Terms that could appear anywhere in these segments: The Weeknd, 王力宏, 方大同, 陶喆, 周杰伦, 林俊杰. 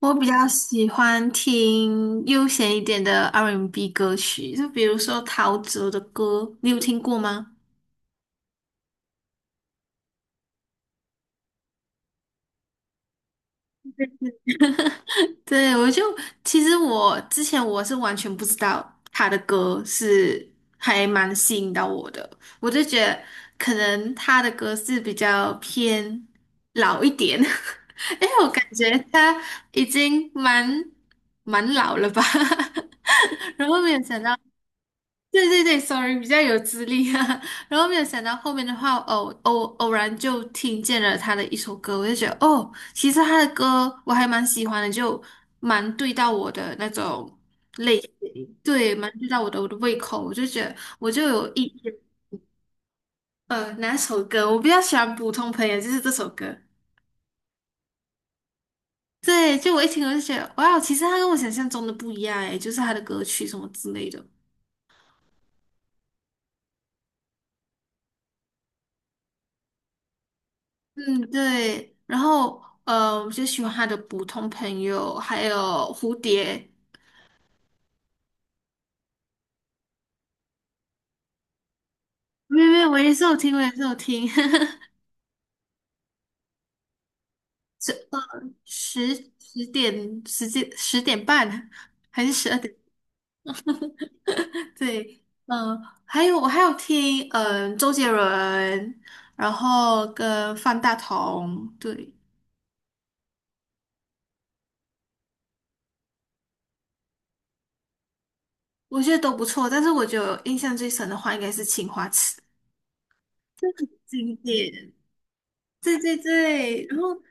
我比较喜欢听悠闲一点的 R&B 歌曲，就比如说陶喆的歌，你有听过吗？对，其实我之前我是完全不知道他的歌是还蛮吸引到我的，我就觉得可能他的歌是比较偏老一点。因为我感觉他已经蛮老了吧。然后没有想到对对对，sorry，比较有资历啊。然后没有想到后面的话，偶然就听见了他的一首歌，我就觉得哦，其实他的歌我还蛮喜欢的，就蛮对到我的那种类型。对，蛮对到我的胃口。我就觉得我就有一见。哪首歌我比较喜欢《普通朋友》，就是这首歌。对，就我一听我就觉得，哇哦，其实他跟我想象中的不一样诶，就是他的歌曲什么之类的。嗯，对。然后我就喜欢他的普通朋友，还有蝴蝶。没有没有，我也是有听，我也是有听。十呃十点半还是12点？对，嗯、还有我还有听周杰伦，然后跟方大同。对，我觉得都不错。但是我觉得印象最深的话应该是《青花瓷》，这很经典。对对对，然后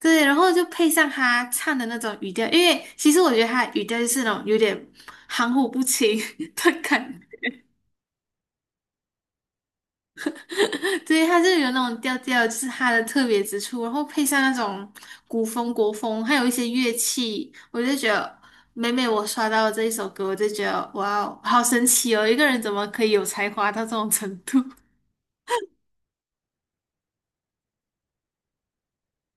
对，然后就配上他唱的那种语调，因为其实我觉得他的语调就是那种有点含糊不清 的感觉。对，他就有那种调调，就是他的特别之处，然后配上那种古风、国风，还有一些乐器，我就觉得每每我刷到这一首歌，我就觉得哇哦，好神奇哦，一个人怎么可以有才华到这种程度？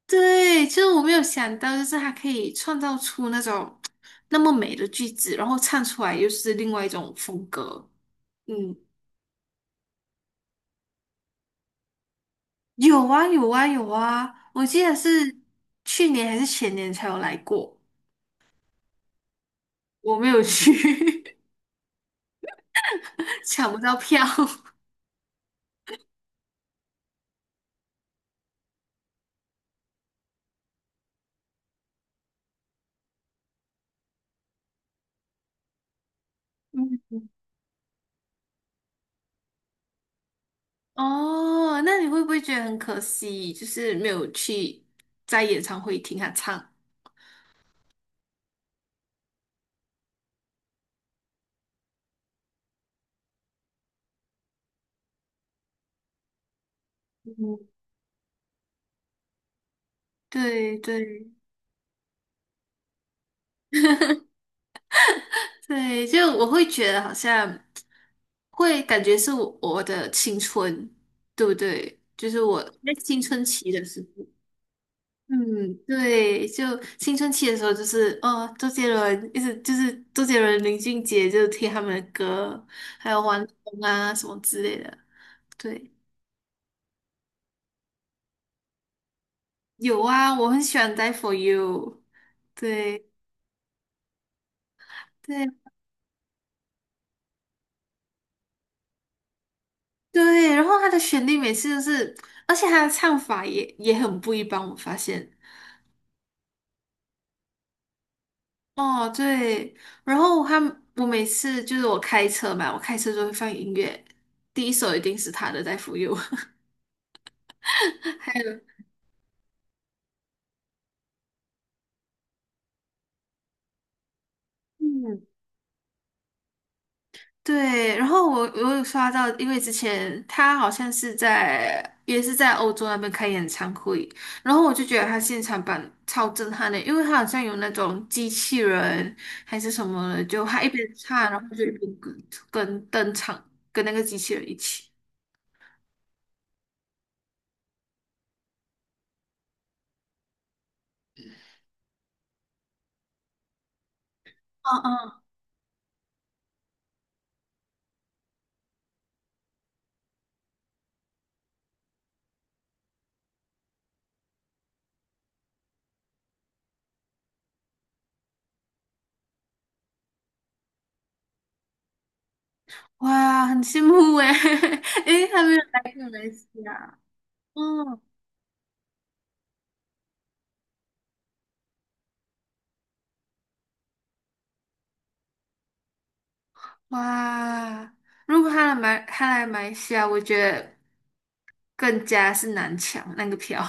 对，就是我没有想到，就是他可以创造出那种那么美的句子，然后唱出来又是另外一种风格。嗯。有啊，有啊，有啊！我记得是去年还是前年才有来过。我没有去。抢不到票。哦，那你会不会觉得很可惜，就是没有去在演唱会听他唱？对对对，就我会觉得好像会感觉是我的青春，对不对？就是我在青春期的时候。嗯，对，就青春期的时候，就是哦，周杰伦一直就是周杰伦、林俊杰，就是听他们的歌，还有王力宏啊什么之类的。对，有啊，我很喜欢《Die for You》。对，对，对，然后他的旋律每次都是，而且他的唱法也很不一般，我发现。哦，对，然后我每次就是我开车嘛，我开车就会放音乐，第一首一定是他的《Die for You》。还有。嗯。对，然后我有刷到，因为之前他好像也是在欧洲那边开演唱会，然后我就觉得他现场版超震撼的，因为他好像有那种机器人还是什么的，就他一边唱，然后就一边跟登场，跟那个机器人一起。嗯嗯，哇，很羡慕诶。诶，他没有来过马来西亚。嗯，哇，如果他来马来西亚，我觉得更加是难抢那个票。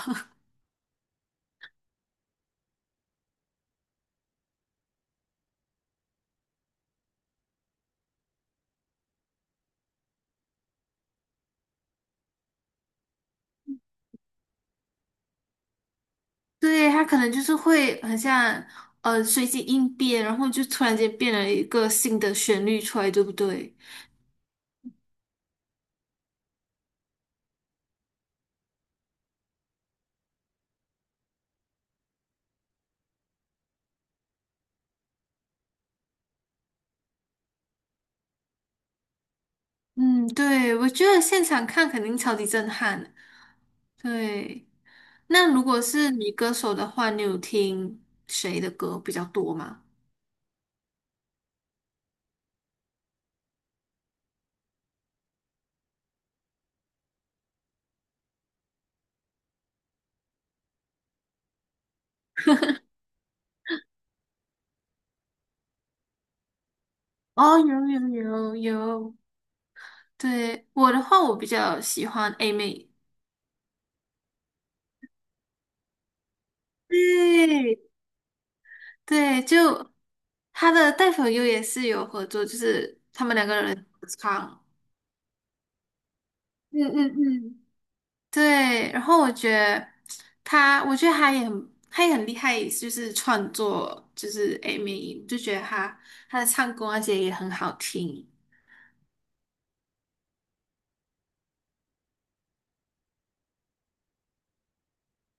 对，他可能就是会很像随机应变，然后就突然间变了一个新的旋律出来，对不对？嗯，对，我觉得现场看肯定超级震撼。对，那如果是女歌手的话，你有听谁的歌比较多吗？哦，有有有有。对，我的话，我比较喜欢 A 妹。对对，就她的《带粉优》也是有合作，就是他们两个人合唱。嗯嗯嗯。对，然后我觉得他，我觉得他也很，他也很厉害，就是创作，就是 a m 音就觉得他的唱功那些也很好听。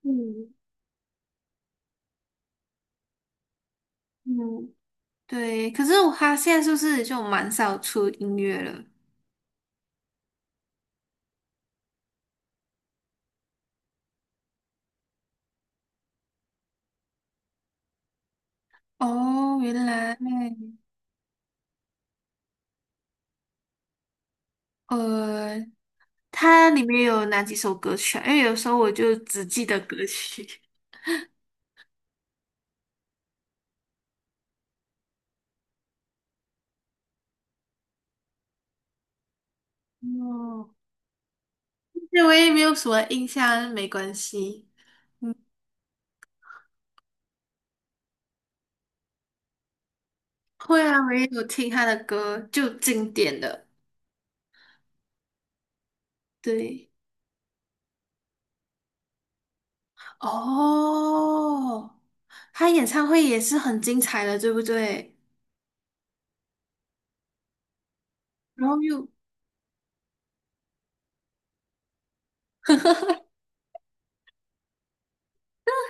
嗯嗯，对，可是他现在是不是就蛮少出音乐了？哦，原来。呃，它里面有哪几首歌曲啊？因为有时候我就只记得歌曲。哦，对，我也没有什么印象，没关系。会啊，我也有听他的歌，就经典的。对，哦，他演唱会也是很精彩的，对不对？然后又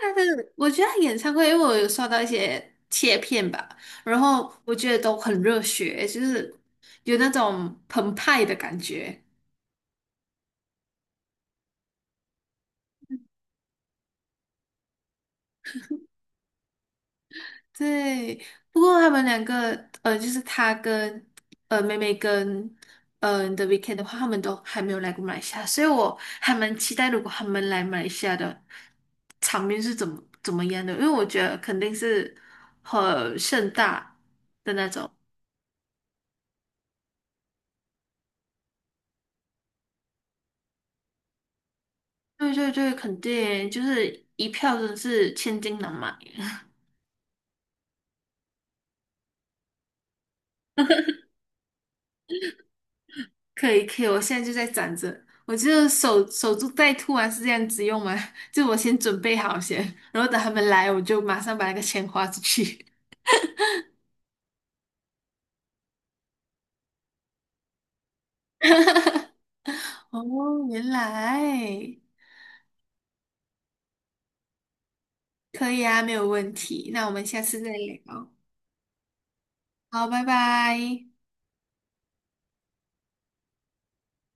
他的，我觉得他演唱会，因为我有刷到一些切片吧，然后我觉得都很热血，就是有那种澎湃的感觉。对，不过他们两个，就是他跟妹妹跟The Weeknd 的话，他们都还没有来过马来西亚，所以我还蛮期待如果他们来马来西亚的场面是怎么样的，因为我觉得肯定是很盛大。对对对，肯定就是一票真的是千金难买。可以可以，我现在就在攒着。我就守株待兔啊，是这样子用吗？就我先准备好先，然后等他们来，我就马上把那个钱花出去。哦，原来可以啊，没有问题。那我们下次再聊。好，拜拜。